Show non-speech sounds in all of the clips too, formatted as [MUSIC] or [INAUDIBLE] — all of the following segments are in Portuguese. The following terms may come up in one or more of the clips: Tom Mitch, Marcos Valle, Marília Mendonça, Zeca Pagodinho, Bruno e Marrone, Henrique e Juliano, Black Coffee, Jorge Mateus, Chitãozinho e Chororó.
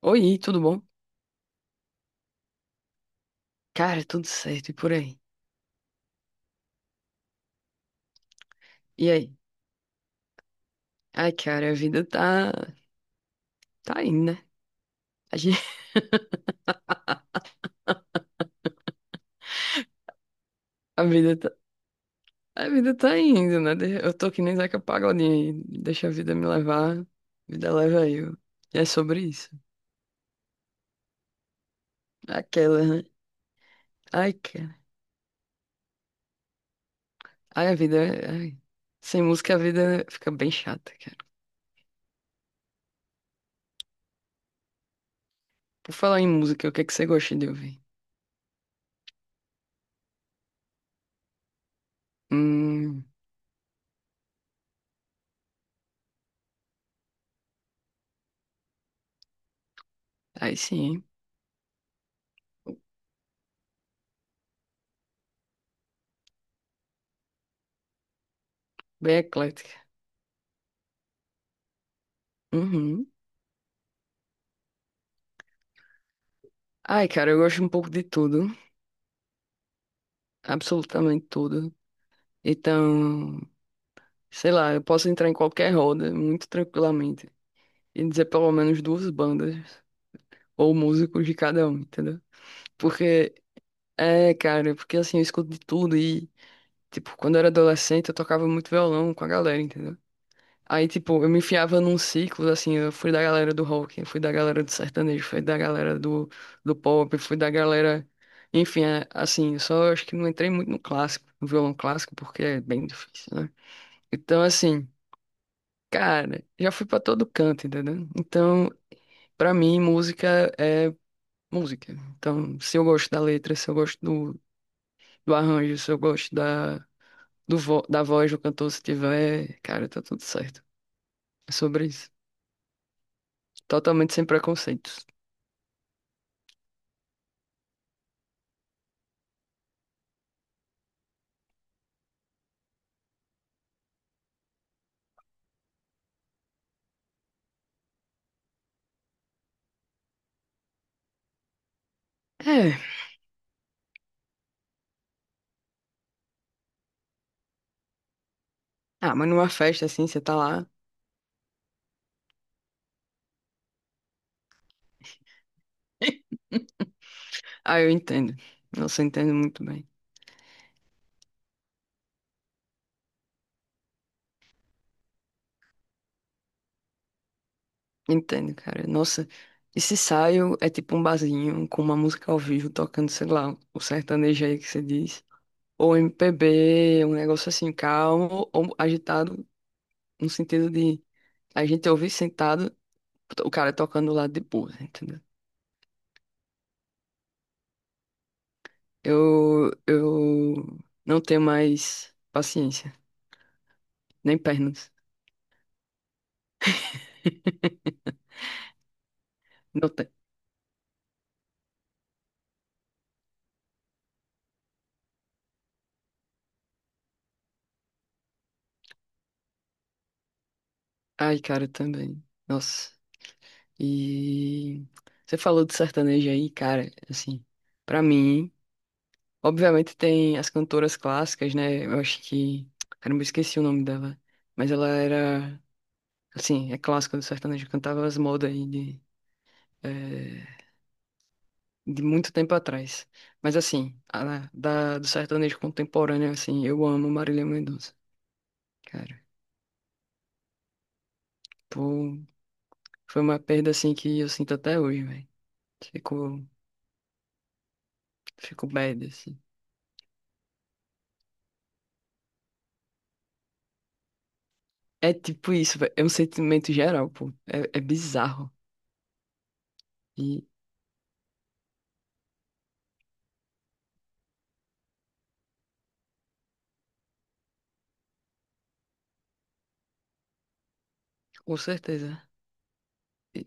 Oi, tudo bom? Cara, tudo certo e por aí? E aí? Ai, cara, a vida tá indo, né? A gente- [LAUGHS] a vida tá a vida tá indo, né? Eu tô que nem Zeca Pagodinho, aí, deixa a vida me levar, vida leva eu. E é sobre isso. Aquela, né? Ai, cara. Ai, a vida, ai. Sem música a vida fica bem chata, cara. Por falar em música, o que é que você gosta de ouvir? Hum, aí sim, hein? Bem eclética. Uhum. Ai, cara, eu gosto um pouco de tudo, absolutamente tudo. Então, sei lá, eu posso entrar em qualquer roda muito tranquilamente e dizer pelo menos duas bandas ou músicos de cada um, entendeu? Porque, cara, porque assim, eu escuto de tudo e, tipo, quando eu era adolescente eu tocava muito violão com a galera, entendeu? Aí, tipo, eu me enfiava num ciclo, assim, eu fui da galera do rock, eu fui da galera do sertanejo, fui da galera do, do pop, fui da galera. Enfim, assim, eu só acho que não entrei muito no clássico, no violão clássico, porque é bem difícil, né? Então, assim, cara, já fui pra todo canto, entendeu? Então, pra mim, música é música. Então, se eu gosto da letra, se eu gosto do arranjo, se eu gosto da voz do cantor, se tiver, cara, tá tudo certo. É sobre isso. Totalmente sem preconceitos. É. Ah, mas numa festa assim, você tá lá. Ah, eu entendo. Nossa, eu entendo muito bem. Entendo, cara. Nossa, esse ensaio é tipo um barzinho com uma música ao vivo tocando, sei lá, o sertanejo aí que você diz. Ou MPB, um negócio assim, calmo ou agitado, no sentido de a gente ouvir sentado o cara tocando do lado de boa, entendeu? Eu não tenho mais paciência, nem pernas. Não tenho. Ai, cara, eu também. Nossa. E você falou de sertanejo aí, cara, assim, pra mim, obviamente tem as cantoras clássicas, né? Eu acho que, cara, eu me esqueci o nome dela, mas ela era. Sim, é clássico do sertanejo. Cantava as modas aí eh, de muito tempo atrás. Mas assim, do sertanejo contemporâneo, assim, eu amo Marília Mendonça. Cara, pô, foi uma perda, assim, que eu sinto até hoje, velho. Fico, fico bad, assim. É tipo isso, velho. É um sentimento geral, pô. É bizarro. E com certeza. E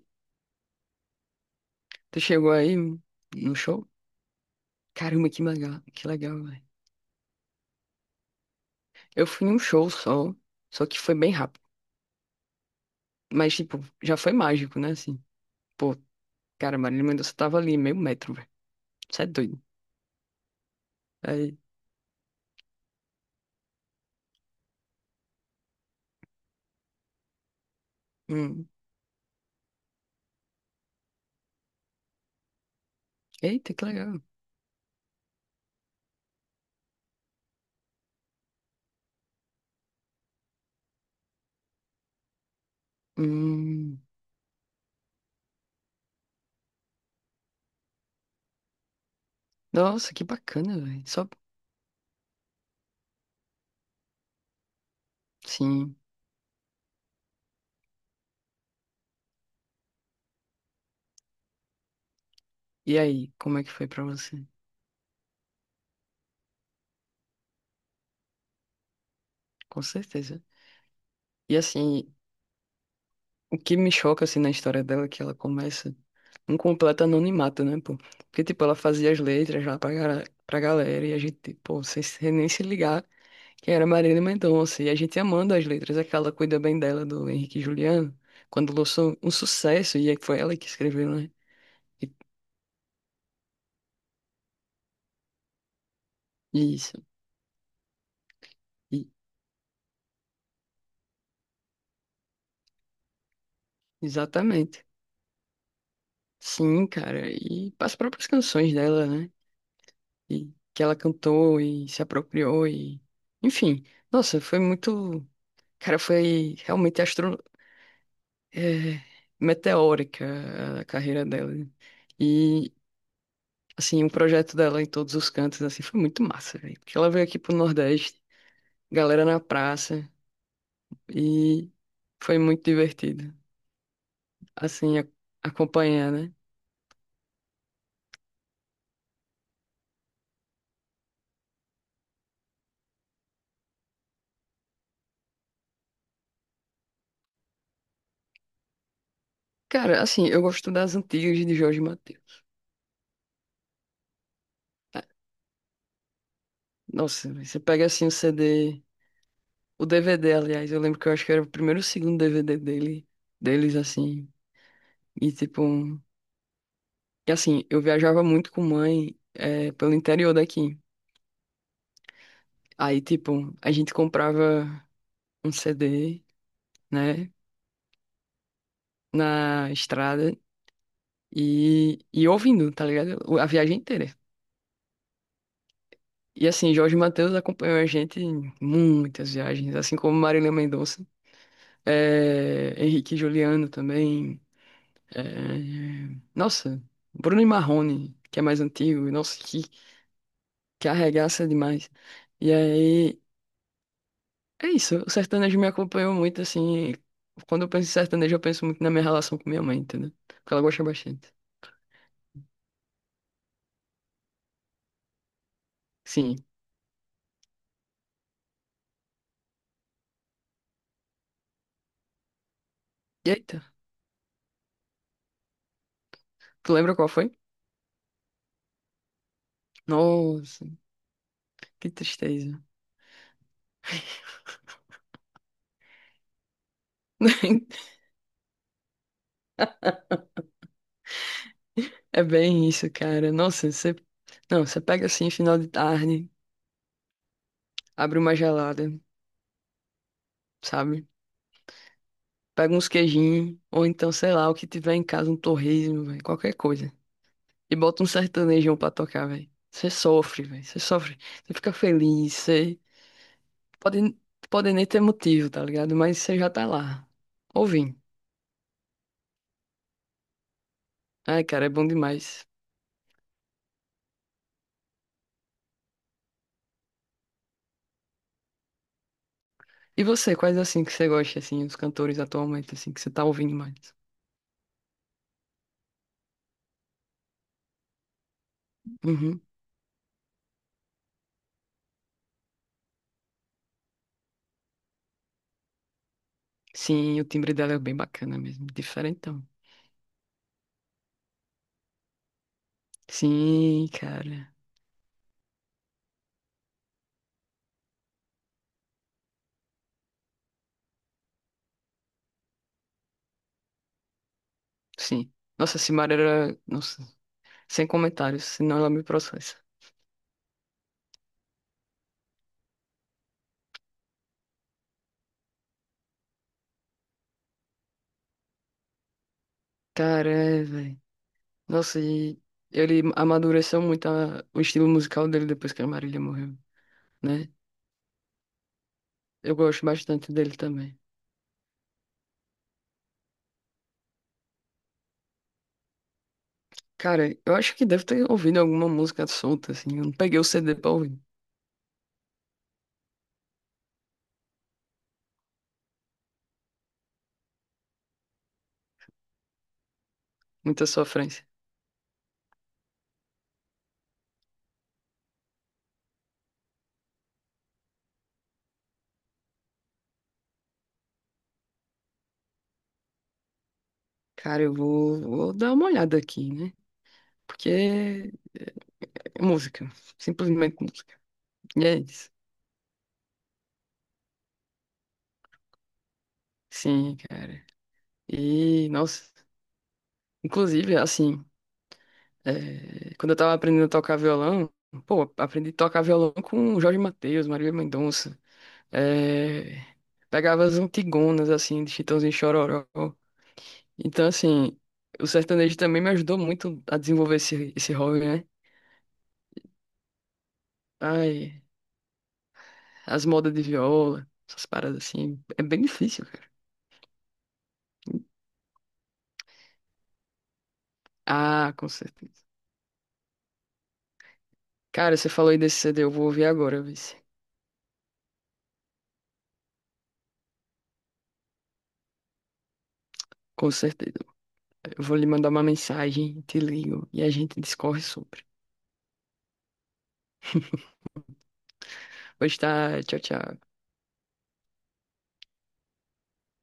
tu chegou aí no show? Caramba, que legal, velho. Eu fui em um show só, só que foi bem rápido. Mas, tipo, já foi mágico, né? Assim, pô, cara, Marília Mendonça tava ali, meio metro, velho. Isso é doido. Aí, hum, eita, que legal. Hum, nossa, que bacana, velho. Só, sim. E aí, como é que foi pra você? Com certeza. E assim, o que me choca, assim, na história dela é que ela começa um completo anonimato, né, pô? Porque, tipo, ela fazia as letras lá pra galera e a gente, pô, sem nem se ligar que era Marília Mendonça. E a gente amando as letras, aquela cuida bem dela, do Henrique e Juliano, quando lançou um sucesso, e aí foi ela que escreveu, né? E- e isso, e- exatamente. Sim, cara, e as próprias canções dela, né? E que ela cantou e se apropriou e... Enfim, nossa, foi muito... Cara, foi realmente é, meteórica a carreira dela, né? E, assim, o projeto dela em todos os cantos, assim, foi muito massa, velho. Porque ela veio aqui pro Nordeste, galera na praça, e foi muito divertido, assim, acompanhar, né? Cara, assim, eu gosto das antigas de Jorge Mateus. Ah, nossa, velho, você pega, assim, o CD, o DVD, aliás, eu lembro que eu acho que era o primeiro ou segundo DVD dele, deles, assim, e, tipo, e assim, eu viajava muito com mãe, pelo interior daqui. Aí, tipo, a gente comprava um CD, né, na estrada e ouvindo, tá ligado? A viagem inteira. E assim, Jorge Mateus acompanhou a gente em muitas viagens, assim como Marília Mendonça, Henrique e Juliano também. eh, Nossa, Bruno e Marrone, que é mais antigo, nossa, que arregaça demais. E aí, é isso, o sertanejo me acompanhou muito, assim. Quando eu penso em sertanejo, eu penso muito na minha relação com minha mãe, entendeu? Porque ela gosta bastante. Sim. Eita, tu lembra qual foi? Nossa, que tristeza. [LAUGHS] É bem isso, cara. Nossa, você. Não, você pega assim, final de tarde, abre uma gelada, sabe? Pega uns queijinhos, ou então, sei lá, o que tiver em casa, um torresmo, velho, qualquer coisa. E bota um sertanejão pra tocar, velho. Você sofre, velho. Você sofre. Você fica feliz. Pode, pode nem ter motivo, tá ligado? Mas você já tá lá. Ouvindo. Ai, cara, é bom demais. E você, quais assim que você gosta, assim, os cantores atualmente, assim, que você tá ouvindo mais? Uhum. Sim, o timbre dela é bem bacana mesmo. Diferentão. Sim, cara. Sim. Nossa, Simara era. Nossa, sem comentários, senão ela me processa. Cara, velho. Nossa, e ele amadureceu muito o estilo musical dele depois que a Marília morreu, né? Eu gosto bastante dele também. Cara, eu acho que deve ter ouvido alguma música solta, assim. Eu não peguei o CD pra ouvir. Muita sofrência. Cara, eu vou dar uma olhada aqui, né? Porque é música. Simplesmente música. E é isso. Sim, cara. E, nossa. Inclusive, assim, é, quando eu tava aprendendo a tocar violão, pô, aprendi a tocar violão com Jorge Mateus, Marília Mendonça. É, pegava as antigonas, assim, de Chitãozinho e Chororó. Então, assim, o sertanejo também me ajudou muito a desenvolver esse hobby, né? Ai, as modas de viola, essas paradas assim, é bem difícil, cara. Ah, com certeza. Cara, você falou aí desse CD, eu vou ouvir agora, vice. Com certeza. Eu vou lhe mandar uma mensagem, te ligo e a gente discorre sobre. Pois tá, tchau, tchau.